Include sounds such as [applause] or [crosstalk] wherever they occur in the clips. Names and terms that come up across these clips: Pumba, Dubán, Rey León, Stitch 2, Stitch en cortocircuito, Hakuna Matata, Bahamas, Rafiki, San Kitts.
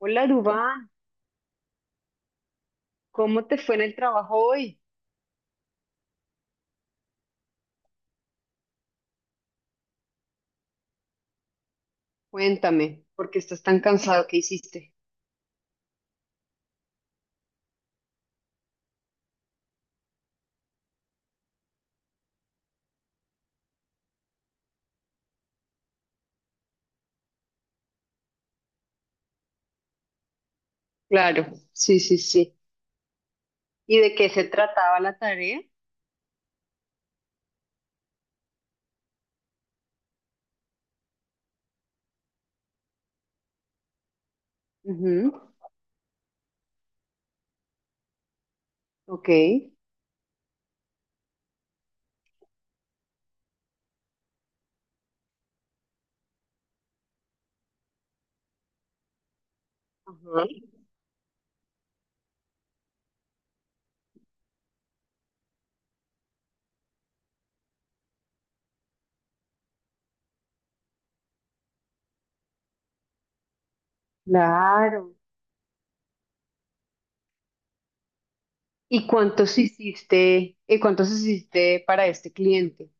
Hola, Dubán, ¿cómo te fue en el trabajo hoy? Cuéntame, porque estás tan cansado. ¿Qué hiciste? Claro, sí, sí, sí. ¿Y de qué se trataba la tarea? Ujú. Ok. Ajá. Claro. ¿Y cuántos hiciste? ¿Y cuántos hiciste para este cliente?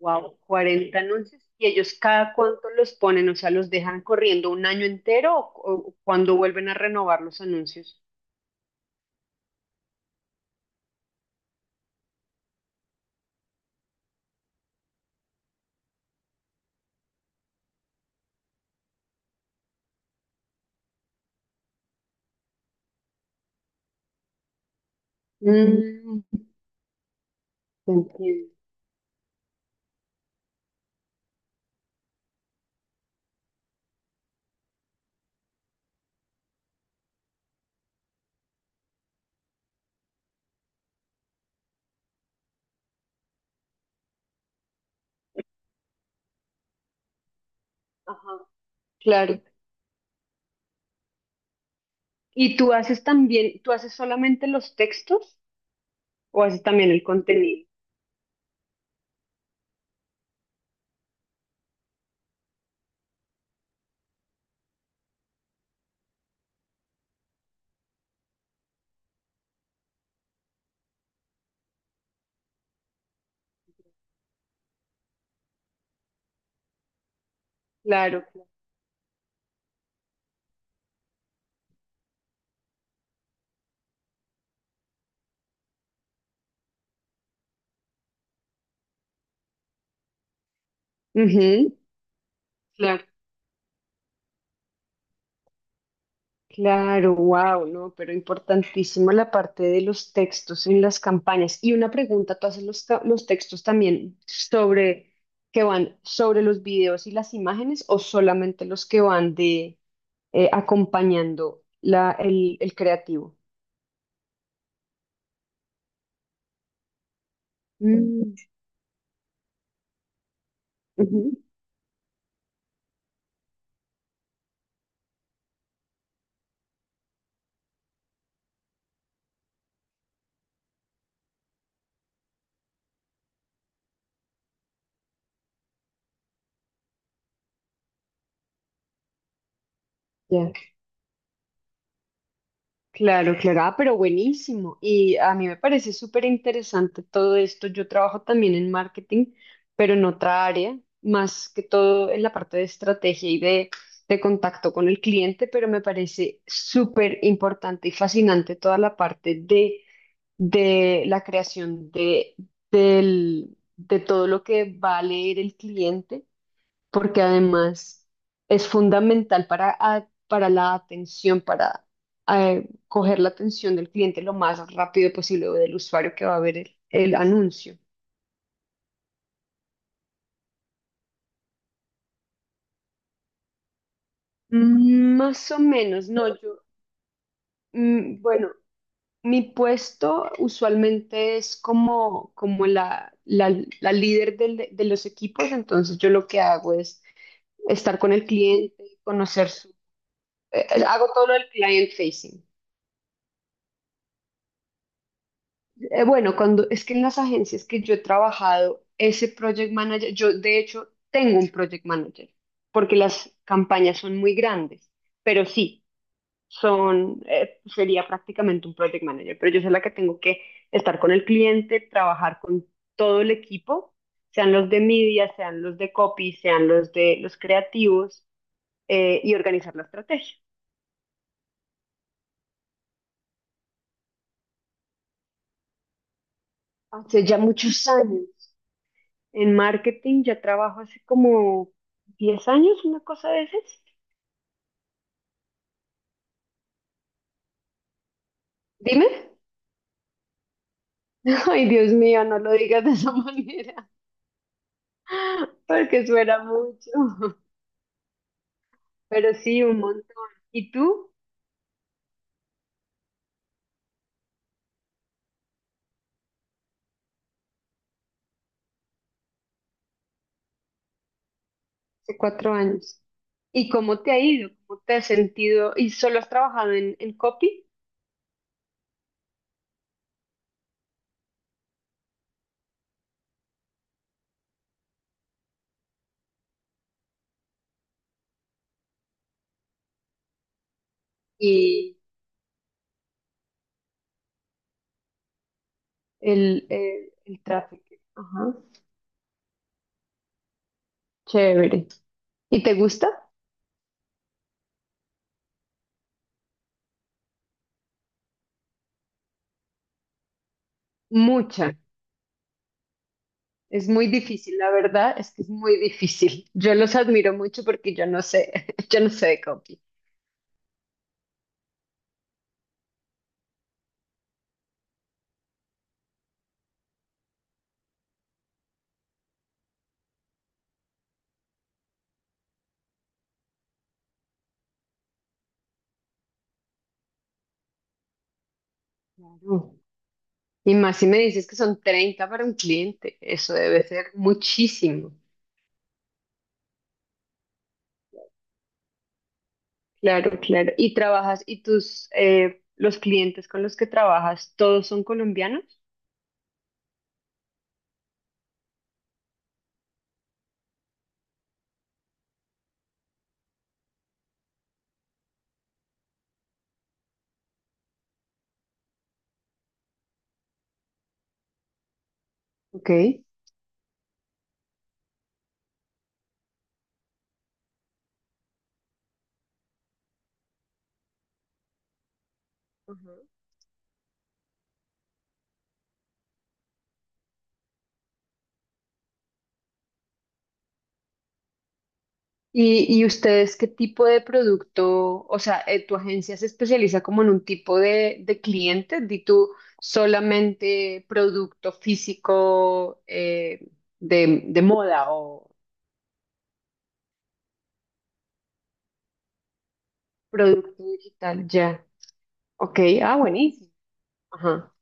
Wow, 40 anuncios. ¿Y ellos cada cuánto los ponen? O sea, ¿los dejan corriendo un año entero o cuando vuelven a renovar los anuncios? Mm, te entiendo. Ajá, claro. ¿Y tú haces también, tú haces solamente los textos o haces también el contenido? Claro, claro. Ujú, claro, claro, wow, no, pero importantísimo la parte de los textos en las campañas. Y una pregunta, ¿tú haces los, ca- los textos también sobre, que van sobre los videos y las imágenes o solamente los que van de acompañando la, el creativo? Mm, ujú, ya. Claro, claro, ah, pero buenísimo. Y a mí me parece súper interesante todo esto. Yo trabajo también en marketing, pero en otra área, más que todo en la parte de estrategia y de contacto con el cliente, pero me parece súper importante y fascinante toda la parte de la creación de, del, de todo lo que va a leer el cliente porque además es fundamental para, a- para la atención, para coger la atención del cliente lo más rápido posible o del usuario que va a ver el anuncio. Mm, más o menos, no, yo, mm, bueno, mi puesto usualmente es como, como la líder del- de los equipos, entonces yo lo que hago es estar con el cliente, conocer su, hago todo lo del client facing. Bueno, cuando es que en las agencias que yo he trabajado, ese project manager, yo de hecho tengo un project manager, porque las campañas son muy grandes, pero sí, son, sería prácticamente un project manager, pero yo soy la que tengo que estar con el cliente, trabajar con todo el equipo, sean los de media, sean los de copy, sean los de los creativos, y organizar la estrategia. Hace ya muchos años. En marketing, ya trabajo hace como 10 años, una cosa de esas. Dime. [laughs] Ay, Dios mío, no lo digas de esa [laughs] manera, porque suena mucho. [laughs] Pero sí, un montón. ¿Y tú? Hace 4 años. ¿Y cómo te ha ido? ¿Cómo te has sentido? ¿Y solo has trabajado en copy y el tráfico? Ajá. Chévere. ¿Y te gusta? Mucha. Es muy difícil, la verdad es que es muy difícil. Yo los admiro mucho porque yo no sé, [laughs] yo no sé de copy. Claro. Y más si me dices que son 30 para un cliente, eso debe ser muchísimo. Claro, claro. ¿Y trabajas, y tus, los clientes con los que trabajas, todos son colombianos? Ok. Ajá. Y ustedes qué tipo de producto, o sea, tu agencia se especializa como en un tipo de cliente? ¿Di tú solamente producto físico de moda o producto digital? Ya. Ok, ah, buenísimo. Ajá.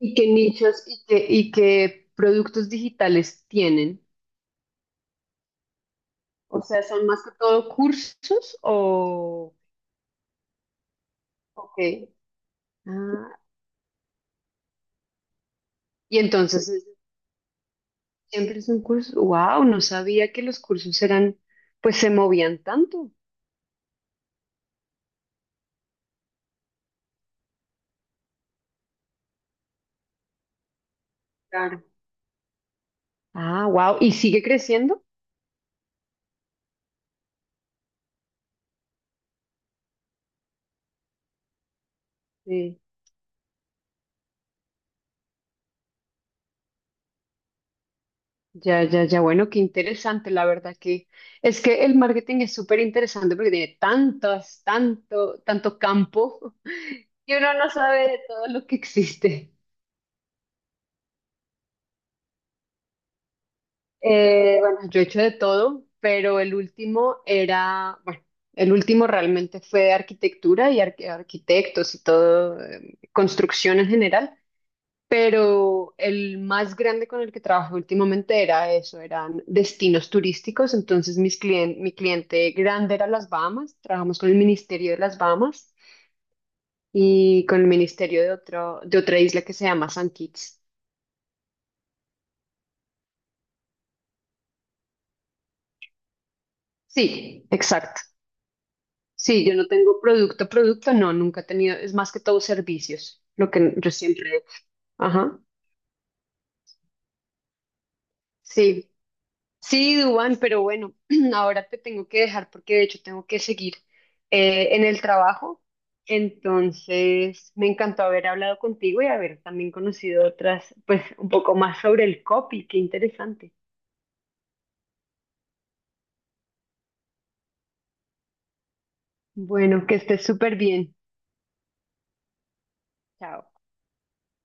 ¿Y qué nichos y qué productos digitales tienen? O sea, ¿son más que todo cursos o...? Ok. Ah, y entonces... Siempre es un curso. Wow, no sabía que los cursos eran, pues se movían tanto. Claro. Ah, wow, y sigue creciendo. Sí. Ya, ya, ya, bueno, qué interesante, la verdad que es que el marketing es súper interesante porque tiene tantas, tanto, tanto campo [laughs] que uno no sabe de todo lo que existe. Bueno, yo he hecho de todo, pero el último era, bueno, el último realmente fue de arquitectura y arqu- arquitectos y todo, construcción en general. Pero el más grande con el que trabajé últimamente era eso, eran destinos turísticos, entonces mis clien- mi cliente grande era las Bahamas, trabajamos con el Ministerio de las Bahamas y con el Ministerio de, otro, de otra isla que se llama San Kitts. Sí, exacto. Sí, yo no tengo producto, producto, no, nunca he tenido, es más que todo servicios, lo que yo siempre... Ajá, sí. Sí, Duan, pero bueno, [clears throat] ahora te tengo que dejar porque de hecho tengo que seguir en el trabajo. Entonces, me encantó haber hablado contigo y haber también conocido otras, pues un poco más sobre el copy, qué interesante. Bueno, que estés súper bien. Chao.